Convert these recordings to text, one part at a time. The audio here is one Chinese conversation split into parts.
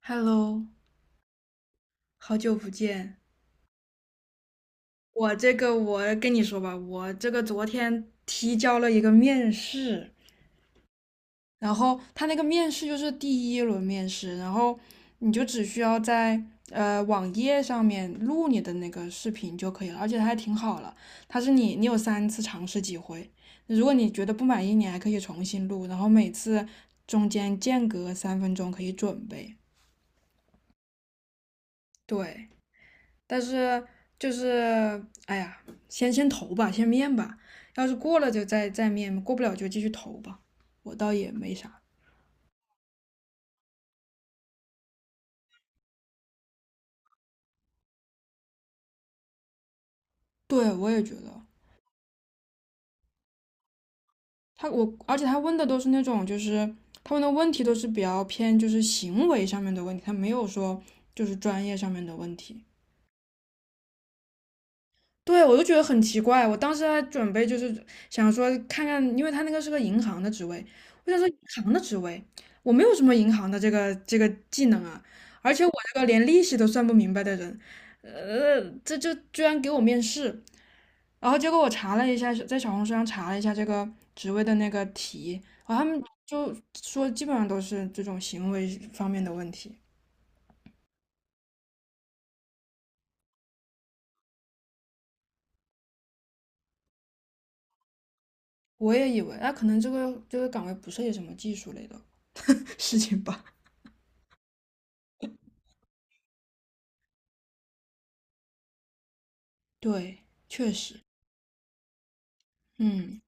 Hello，好久不见。我这个，我跟你说吧，我这个昨天提交了一个面试，然后他那个面试就是第一轮面试，然后你就只需要在网页上面录你的那个视频就可以了，而且它还挺好了，它是你有3次尝试机会，如果你觉得不满意，你还可以重新录，然后每次中间间隔3分钟可以准备。对。但是就是哎呀，先投吧，先面吧，要是过了就再面，过不了就继续投吧。我倒也没啥，对我也觉得而且他问的问题都是比较偏就是行为上面的问题，他没有说就是专业上面的问题。对，我就觉得很奇怪。我当时还准备就是想说看看，因为他那个是个银行的职位，我想说银行的职位，我没有什么银行的这个技能啊，而且我这个连利息都算不明白的人，这就居然给我面试。然后结果我查了一下，在小红书上查了一下这个职位的那个题，然后他们就说基本上都是这种行为方面的问题。我也以为，那、可能这个岗位不涉及什么技术类的 事情吧。对，确实。嗯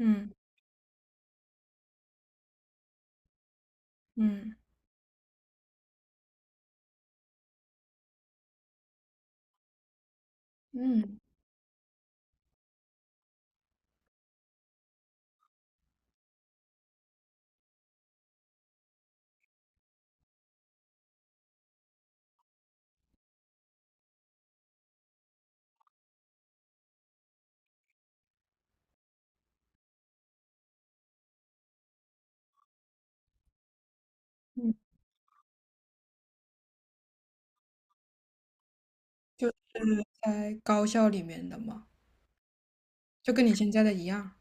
嗯嗯嗯嗯，就在高校里面的嘛，就跟你现在的一样。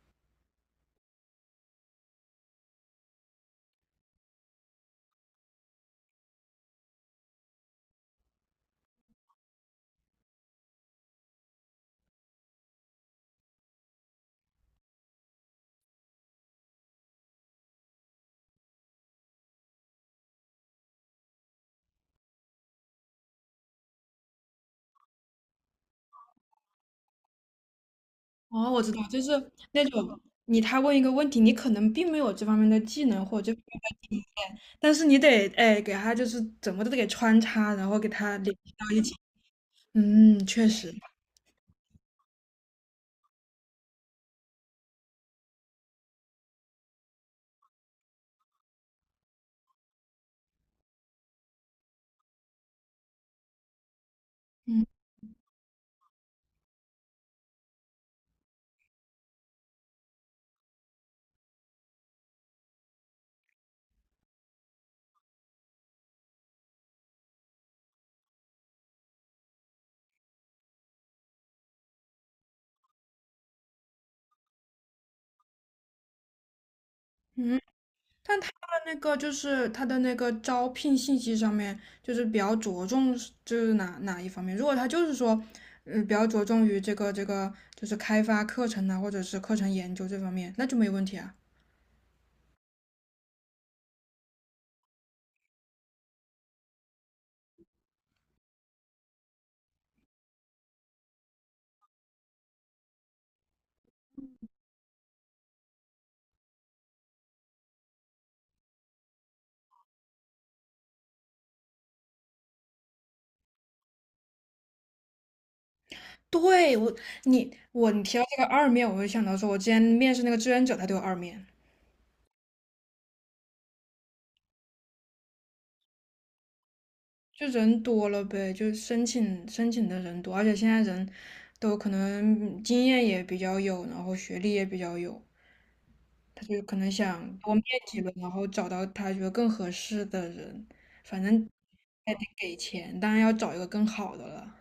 哦，我知道，就是那种你他问一个问题，你可能并没有这方面的技能或者这方面的经验，但是你得哎给他就是怎么都得给穿插，然后给他联系到一起。嗯，确实，嗯嗯。但他的那个就是他的那个招聘信息上面，就是比较着重是就是哪一方面？如果他就是说，嗯、比较着重于这个就是开发课程啊，或者是课程研究这方面，那就没问题啊。对我，你提到这个二面，我会想到说，我之前面试那个志愿者，他都有二面，就人多了呗，就是申请的人多，而且现在人都可能经验也比较有，然后学历也比较有。他就可能想多面几个，然后找到他觉得更合适的人，反正还得给钱，当然要找一个更好的了。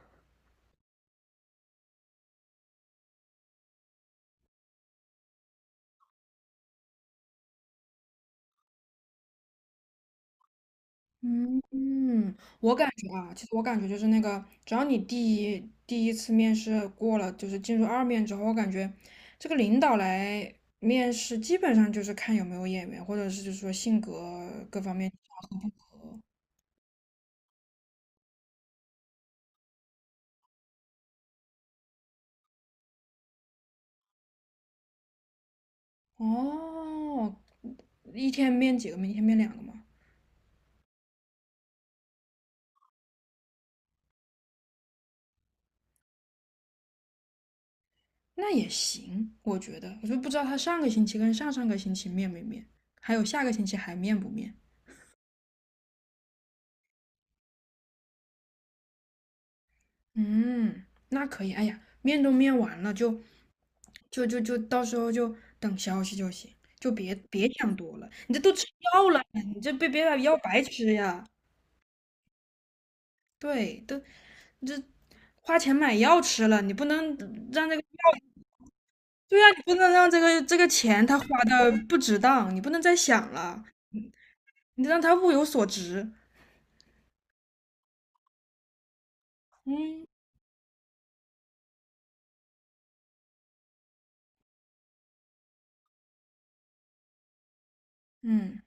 嗯我感觉啊，其实我感觉就是那个，只要你第一次面试过了，就是进入二面之后，我感觉这个领导来面试，基本上就是看有没有眼缘，或者是就是说性格各方面合不合。哦，一天面几个面，一天面2个嘛。那也行，我觉得，我就不知道他上个星期跟上上个星期面没面，还有下个星期还面不面。嗯，那可以。哎呀，面都面完了，就到时候就等消息就行，就别想多了。你这都吃药了，你这别把药白吃呀。对，都你这花钱买药吃了，你不能让这个，对呀、你不能让这个这个钱他花的不值当，你不能再想了，你得让他物有所值。嗯嗯。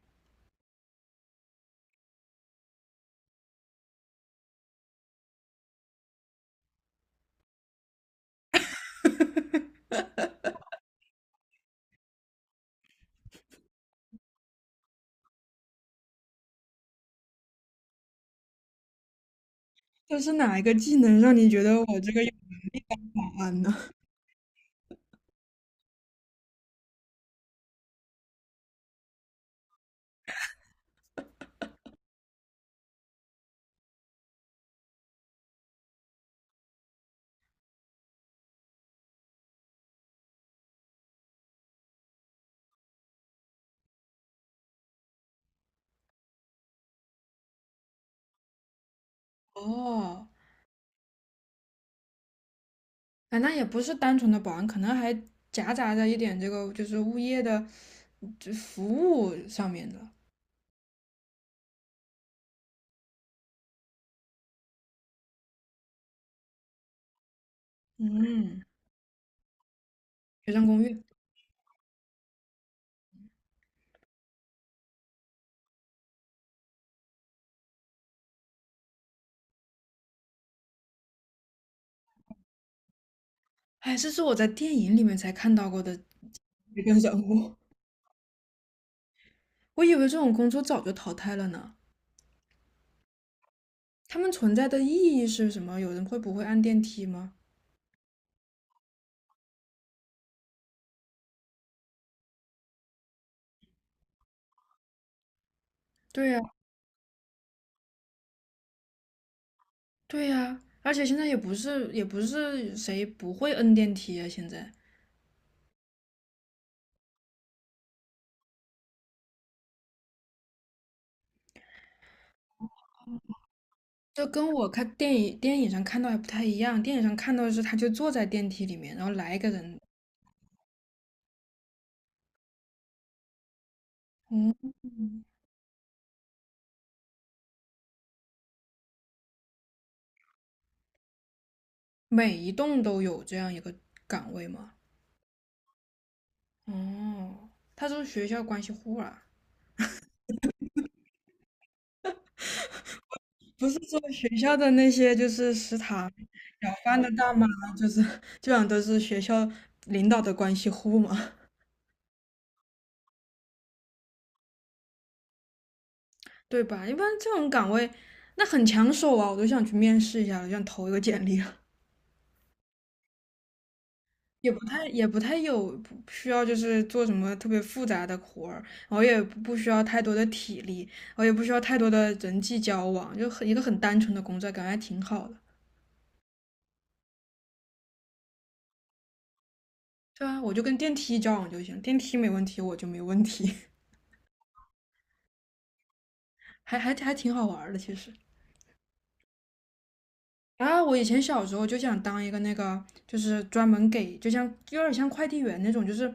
这是哪一个技能让你觉得我这个有保安呢？哦，啊，那也不是单纯的保安，可能还夹杂着一点这个就是物业的这服务上面的。嗯，学生公寓，哎，这是我在电影里面才看到过的，一个人物，我以为这种工作早就淘汰了呢。他们存在的意义是什么？有人会不会按电梯吗？对呀，对呀，而且现在也不是谁不会摁电梯啊，现在。就跟我看电影上看到还不太一样，电影上看到的是他就坐在电梯里面，然后来一个人，嗯，每一栋都有这样一个岗位吗？哦，他是不是学校关系户啊，不是说学校的那些就是食堂舀饭的大妈，就是基本上都是学校领导的关系户嘛，对吧？一般这种岗位，那很抢手啊，我都想去面试一下我想投一个简历了也不太有不需要，就是做什么特别复杂的活儿，然后也不需要太多的体力，然后也不需要太多的人际交往，就很一个很单纯的工作，感觉还挺好的。对啊，我就跟电梯交往就行，电梯没问题，我就没问题，还挺好玩儿的其实。啊，我以前小时候就想当一个那个，就是专门给，就像有点像快递员那种，就是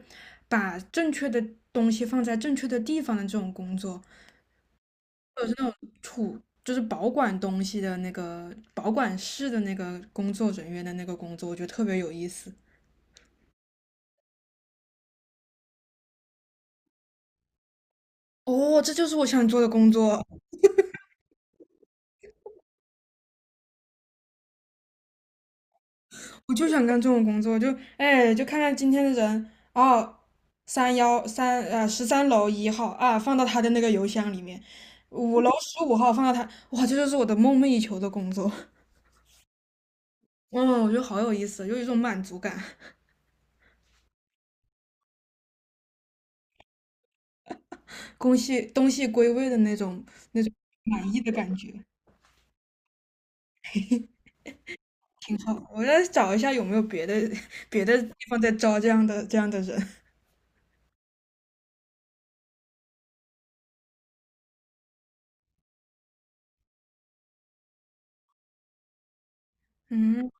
把正确的东西放在正确的地方的这种工作。就是保管东西的那个保管室的那个工作人员的那个工作，我觉得特别有意思。哦，这就是我想做的工作，我就想干这种工作，就哎，就看看今天的人哦，三幺三呃13楼1号啊，放到他的那个邮箱里面，5楼15号放到他，哇，这就是我的梦寐以求的工作。嗯，我觉得好有意思，有一种满足感，东西归位的那种满意的感觉。挺好，我再找一下有没有别的 别的地方在招这样的人。嗯，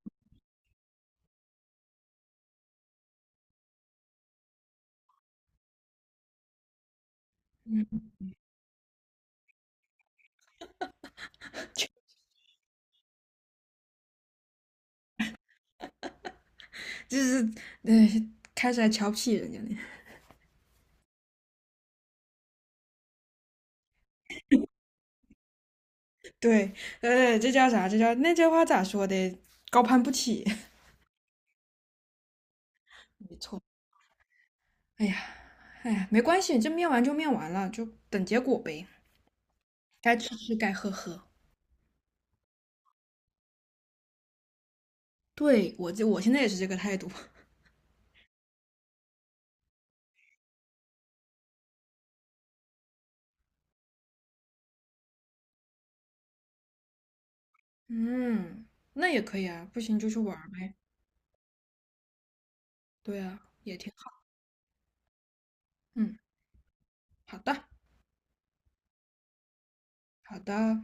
就是呃，开始还瞧不起人家呢。对，这叫啥？这叫那叫话咋说的？高攀不起。没错，哎呀，哎呀，没关系，这面完就面完了，就等结果呗。该吃吃，该喝喝。对，我这我现在也是这个态度。嗯，那也可以啊，不行就去玩儿呗。对啊，也挺好。嗯，好的，好的。